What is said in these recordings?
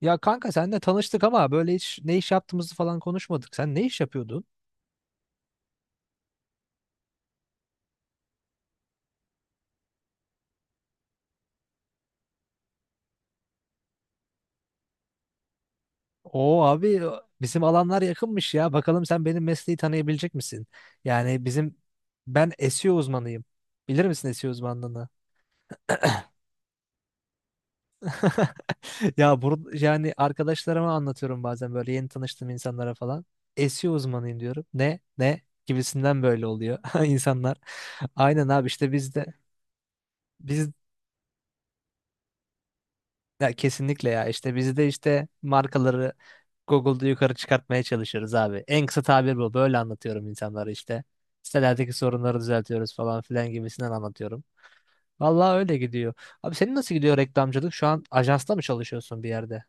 Ya kanka senle tanıştık ama böyle hiç ne iş yaptığımızı falan konuşmadık. Sen ne iş yapıyordun? Oo abi bizim alanlar yakınmış ya. Bakalım sen benim mesleği tanıyabilecek misin? Yani bizim Ben SEO uzmanıyım. Bilir misin SEO uzmanlığını? Ya burada yani arkadaşlarıma anlatıyorum bazen böyle yeni tanıştığım insanlara falan. SEO uzmanıyım diyorum. Ne? Ne? Gibisinden böyle oluyor insanlar. Aynen abi işte biz de biz ya kesinlikle ya, işte biz de işte markaları Google'da yukarı çıkartmaya çalışıyoruz abi. En kısa tabir bu. Böyle anlatıyorum insanlara işte. Sitelerdeki sorunları düzeltiyoruz falan filan gibisinden anlatıyorum. Vallahi öyle gidiyor. Abi senin nasıl gidiyor reklamcılık? Şu an ajansta mı çalışıyorsun bir yerde?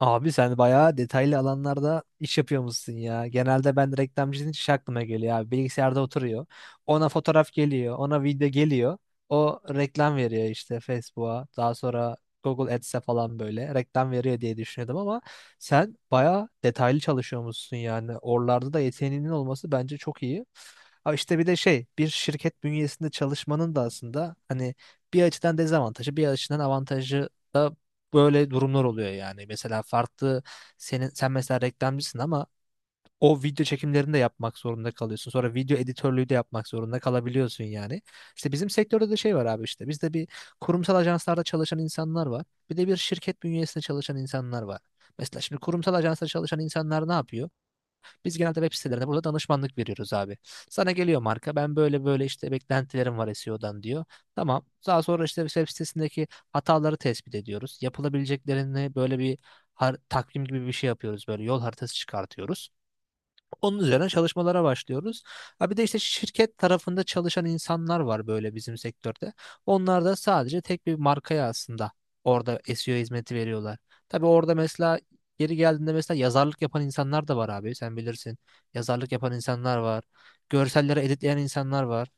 Abi sen bayağı detaylı alanlarda iş yapıyormuşsun ya. Genelde ben reklamcının hiç aklıma geliyor abi. Bilgisayarda oturuyor. Ona fotoğraf geliyor. Ona video geliyor. O reklam veriyor işte Facebook'a. Daha sonra Google Ads'e falan böyle reklam veriyor diye düşünüyordum ama sen bayağı detaylı çalışıyormuşsun yani. Oralarda da yeteneğinin olması bence çok iyi. Ha işte bir de şey, bir şirket bünyesinde çalışmanın da aslında hani bir açıdan dezavantajı bir açıdan avantajı da böyle durumlar oluyor yani. Mesela farklı, sen mesela reklamcısın ama o video çekimlerini de yapmak zorunda kalıyorsun. Sonra video editörlüğü de yapmak zorunda kalabiliyorsun yani. İşte bizim sektörde de şey var abi, işte bizde bir kurumsal ajanslarda çalışan insanlar var. Bir de bir şirket bünyesinde çalışan insanlar var. Mesela şimdi kurumsal ajanslarda çalışan insanlar ne yapıyor? Biz genelde web sitelerinde burada danışmanlık veriyoruz abi. Sana geliyor marka, ben böyle böyle işte beklentilerim var SEO'dan diyor. Tamam. Daha sonra işte web sitesindeki hataları tespit ediyoruz. Yapılabileceklerini böyle bir takvim gibi bir şey yapıyoruz. Böyle yol haritası çıkartıyoruz. Onun üzerine çalışmalara başlıyoruz. Ha bir de işte şirket tarafında çalışan insanlar var böyle bizim sektörde. Onlar da sadece tek bir markaya aslında orada SEO hizmeti veriyorlar. Tabii orada mesela geri geldiğinde mesela yazarlık yapan insanlar da var abi, sen bilirsin. Yazarlık yapan insanlar var. Görselleri editleyen insanlar var.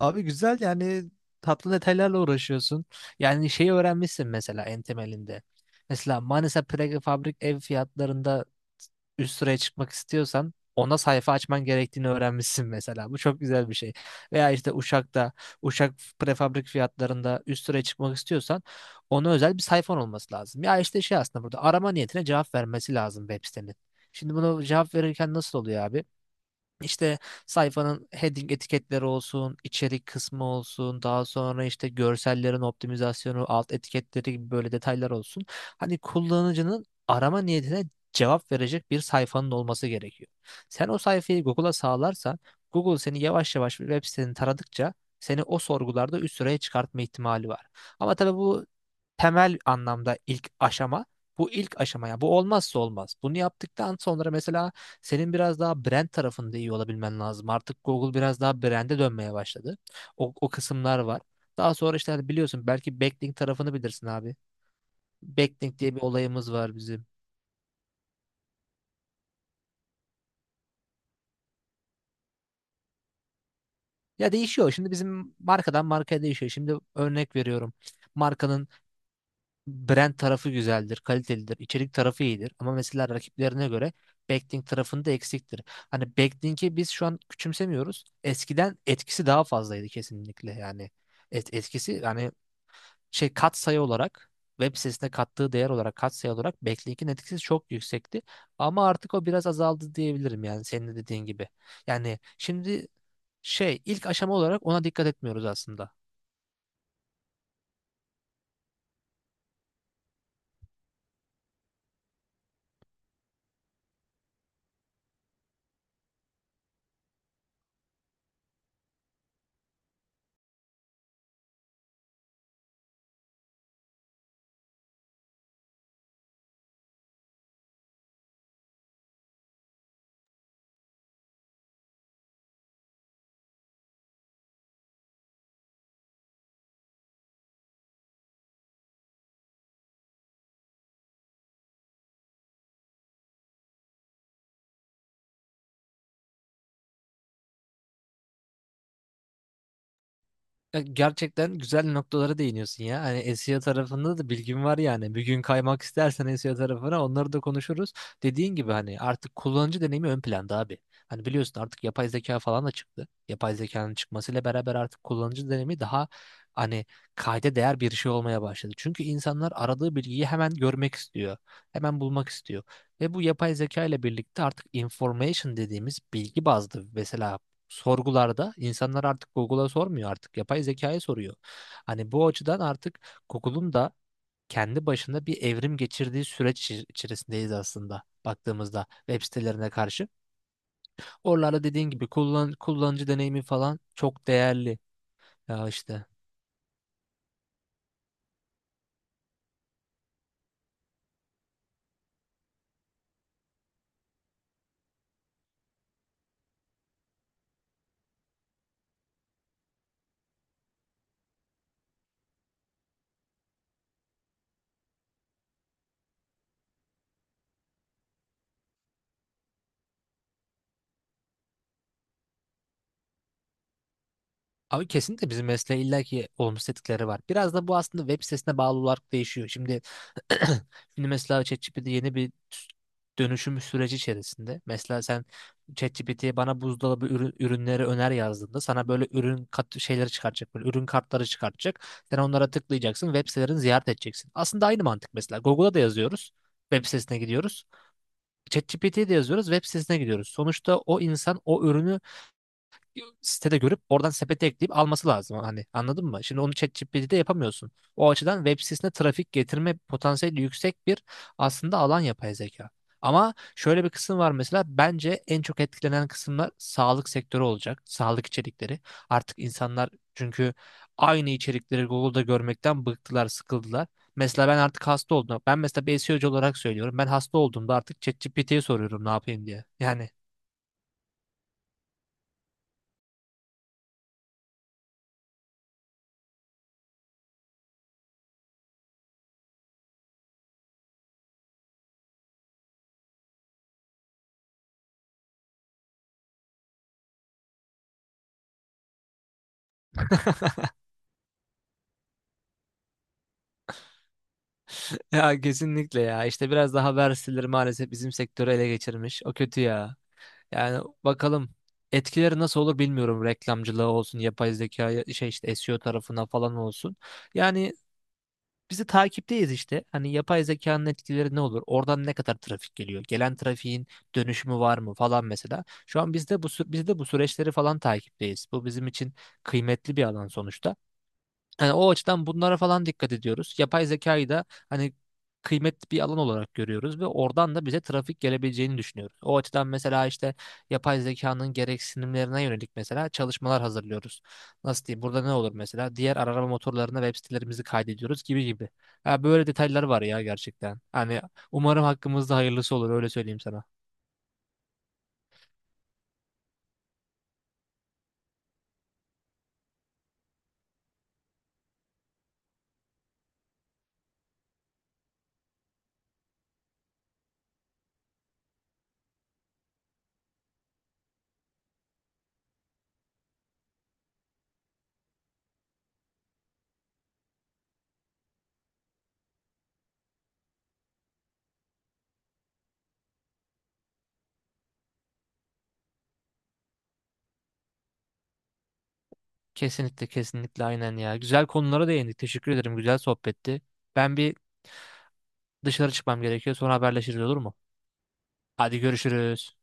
Abi güzel yani, tatlı detaylarla uğraşıyorsun. Yani şeyi öğrenmişsin mesela en temelinde. Mesela Manisa prefabrik ev fiyatlarında üst sıraya çıkmak istiyorsan ona sayfa açman gerektiğini öğrenmişsin mesela. Bu çok güzel bir şey. Veya işte Uşak'ta, Uşak prefabrik fiyatlarında üst sıraya çıkmak istiyorsan ona özel bir sayfan olması lazım. Ya işte şey, aslında burada arama niyetine cevap vermesi lazım web sitenin. Şimdi bunu cevap verirken nasıl oluyor abi? İşte sayfanın heading etiketleri olsun, içerik kısmı olsun, daha sonra işte görsellerin optimizasyonu, alt etiketleri gibi böyle detaylar olsun. Hani kullanıcının arama niyetine cevap verecek bir sayfanın olması gerekiyor. Sen o sayfayı Google'a sağlarsan, Google seni yavaş yavaş bir web siteni taradıkça seni o sorgularda üst sıraya çıkartma ihtimali var. Ama tabii bu temel anlamda ilk aşama. Bu ilk aşama ya. Bu olmazsa olmaz. Bunu yaptıktan sonra mesela senin biraz daha brand tarafında iyi olabilmen lazım. Artık Google biraz daha brand'e dönmeye başladı. O kısımlar var. Daha sonra işte hani biliyorsun belki backlink tarafını bilirsin abi. Backlink diye bir olayımız var bizim. Ya değişiyor. Şimdi bizim markadan markaya değişiyor. Şimdi örnek veriyorum. Markanın brand tarafı güzeldir, kalitelidir, içerik tarafı iyidir. Ama mesela rakiplerine göre backlink tarafında eksiktir. Hani backlink'i biz şu an küçümsemiyoruz. Eskiden etkisi daha fazlaydı kesinlikle yani. Etkisi yani şey, katsayı olarak web sitesine kattığı değer olarak, katsayı olarak backlink'in etkisi çok yüksekti. Ama artık o biraz azaldı diyebilirim yani senin de dediğin gibi. Yani şimdi şey, ilk aşama olarak ona dikkat etmiyoruz aslında. Gerçekten güzel noktalara değiniyorsun ya. Hani SEO tarafında da bilgim var yani. Bir gün kaymak istersen SEO tarafına onları da konuşuruz. Dediğin gibi hani artık kullanıcı deneyimi ön planda abi. Hani biliyorsun artık yapay zeka falan da çıktı. Yapay zekanın çıkmasıyla beraber artık kullanıcı deneyimi daha hani kayda değer bir şey olmaya başladı. Çünkü insanlar aradığı bilgiyi hemen görmek istiyor. Hemen bulmak istiyor. Ve bu yapay zeka ile birlikte artık information dediğimiz bilgi bazlı mesela sorgularda insanlar artık Google'a sormuyor, artık yapay zekaya soruyor. Hani bu açıdan artık Google'un da kendi başına bir evrim geçirdiği içerisindeyiz aslında baktığımızda web sitelerine karşı. Oralarda dediğin gibi kullanıcı deneyimi falan çok değerli. Ya işte abi kesinlikle bizim mesleğe illaki olumsuz etkileri var. Biraz da bu aslında web sitesine bağlı olarak değişiyor. Şimdi şimdi mesela ChatGPT yeni bir dönüşüm süreci içerisinde. Mesela sen ChatGPT'ye bana buzdolabı ürünleri öner yazdığında sana böyle ürün kat şeyleri çıkartacak, böyle ürün kartları çıkartacak. Sen onlara tıklayacaksın, web sitelerini ziyaret edeceksin. Aslında aynı mantık mesela. Google'a da yazıyoruz. Web sitesine gidiyoruz. ChatGPT'ye de yazıyoruz, web sitesine gidiyoruz. Sonuçta o insan o ürünü sitede görüp oradan sepete ekleyip alması lazım. Hani anladın mı? Şimdi onu ChatGPT'de yapamıyorsun. O açıdan web sitesine trafik getirme potansiyeli yüksek bir aslında alan yapay zeka. Ama şöyle bir kısım var, mesela bence en çok etkilenen kısımlar sağlık sektörü olacak. Sağlık içerikleri. Artık insanlar, çünkü aynı içerikleri Google'da görmekten bıktılar, sıkıldılar. Mesela ben artık hasta oldum. Ben mesela bir SEO'cu olarak söylüyorum. Ben hasta olduğumda artık ChatGPT'ye soruyorum ne yapayım diye. Yani ya kesinlikle ya. İşte biraz daha verseler maalesef bizim sektörü ele geçirmiş. O kötü ya. Yani bakalım etkileri nasıl olur bilmiyorum. Reklamcılığa olsun, yapay zeka şey işte SEO tarafına falan olsun. Yani bizi takipteyiz işte. Hani yapay zekanın etkileri ne olur? Oradan ne kadar trafik geliyor? Gelen trafiğin dönüşümü var mı falan mesela. Şu an biz de bu süreçleri falan takipteyiz. Bu bizim için kıymetli bir alan sonuçta. Yani o açıdan bunlara falan dikkat ediyoruz. Yapay zekayı da hani kıymetli bir alan olarak görüyoruz ve oradan da bize trafik gelebileceğini düşünüyoruz. O açıdan mesela işte yapay zekanın gereksinimlerine yönelik mesela çalışmalar hazırlıyoruz. Nasıl diyeyim? Burada ne olur mesela? Diğer arama motorlarına web sitelerimizi kaydediyoruz gibi gibi. Ya böyle detaylar var ya gerçekten. Hani umarım hakkımızda hayırlısı olur, öyle söyleyeyim sana. Kesinlikle kesinlikle aynen ya. Güzel konulara değindik. Teşekkür ederim. Güzel sohbetti. Ben bir dışarı çıkmam gerekiyor. Sonra haberleşiriz olur mu? Hadi görüşürüz.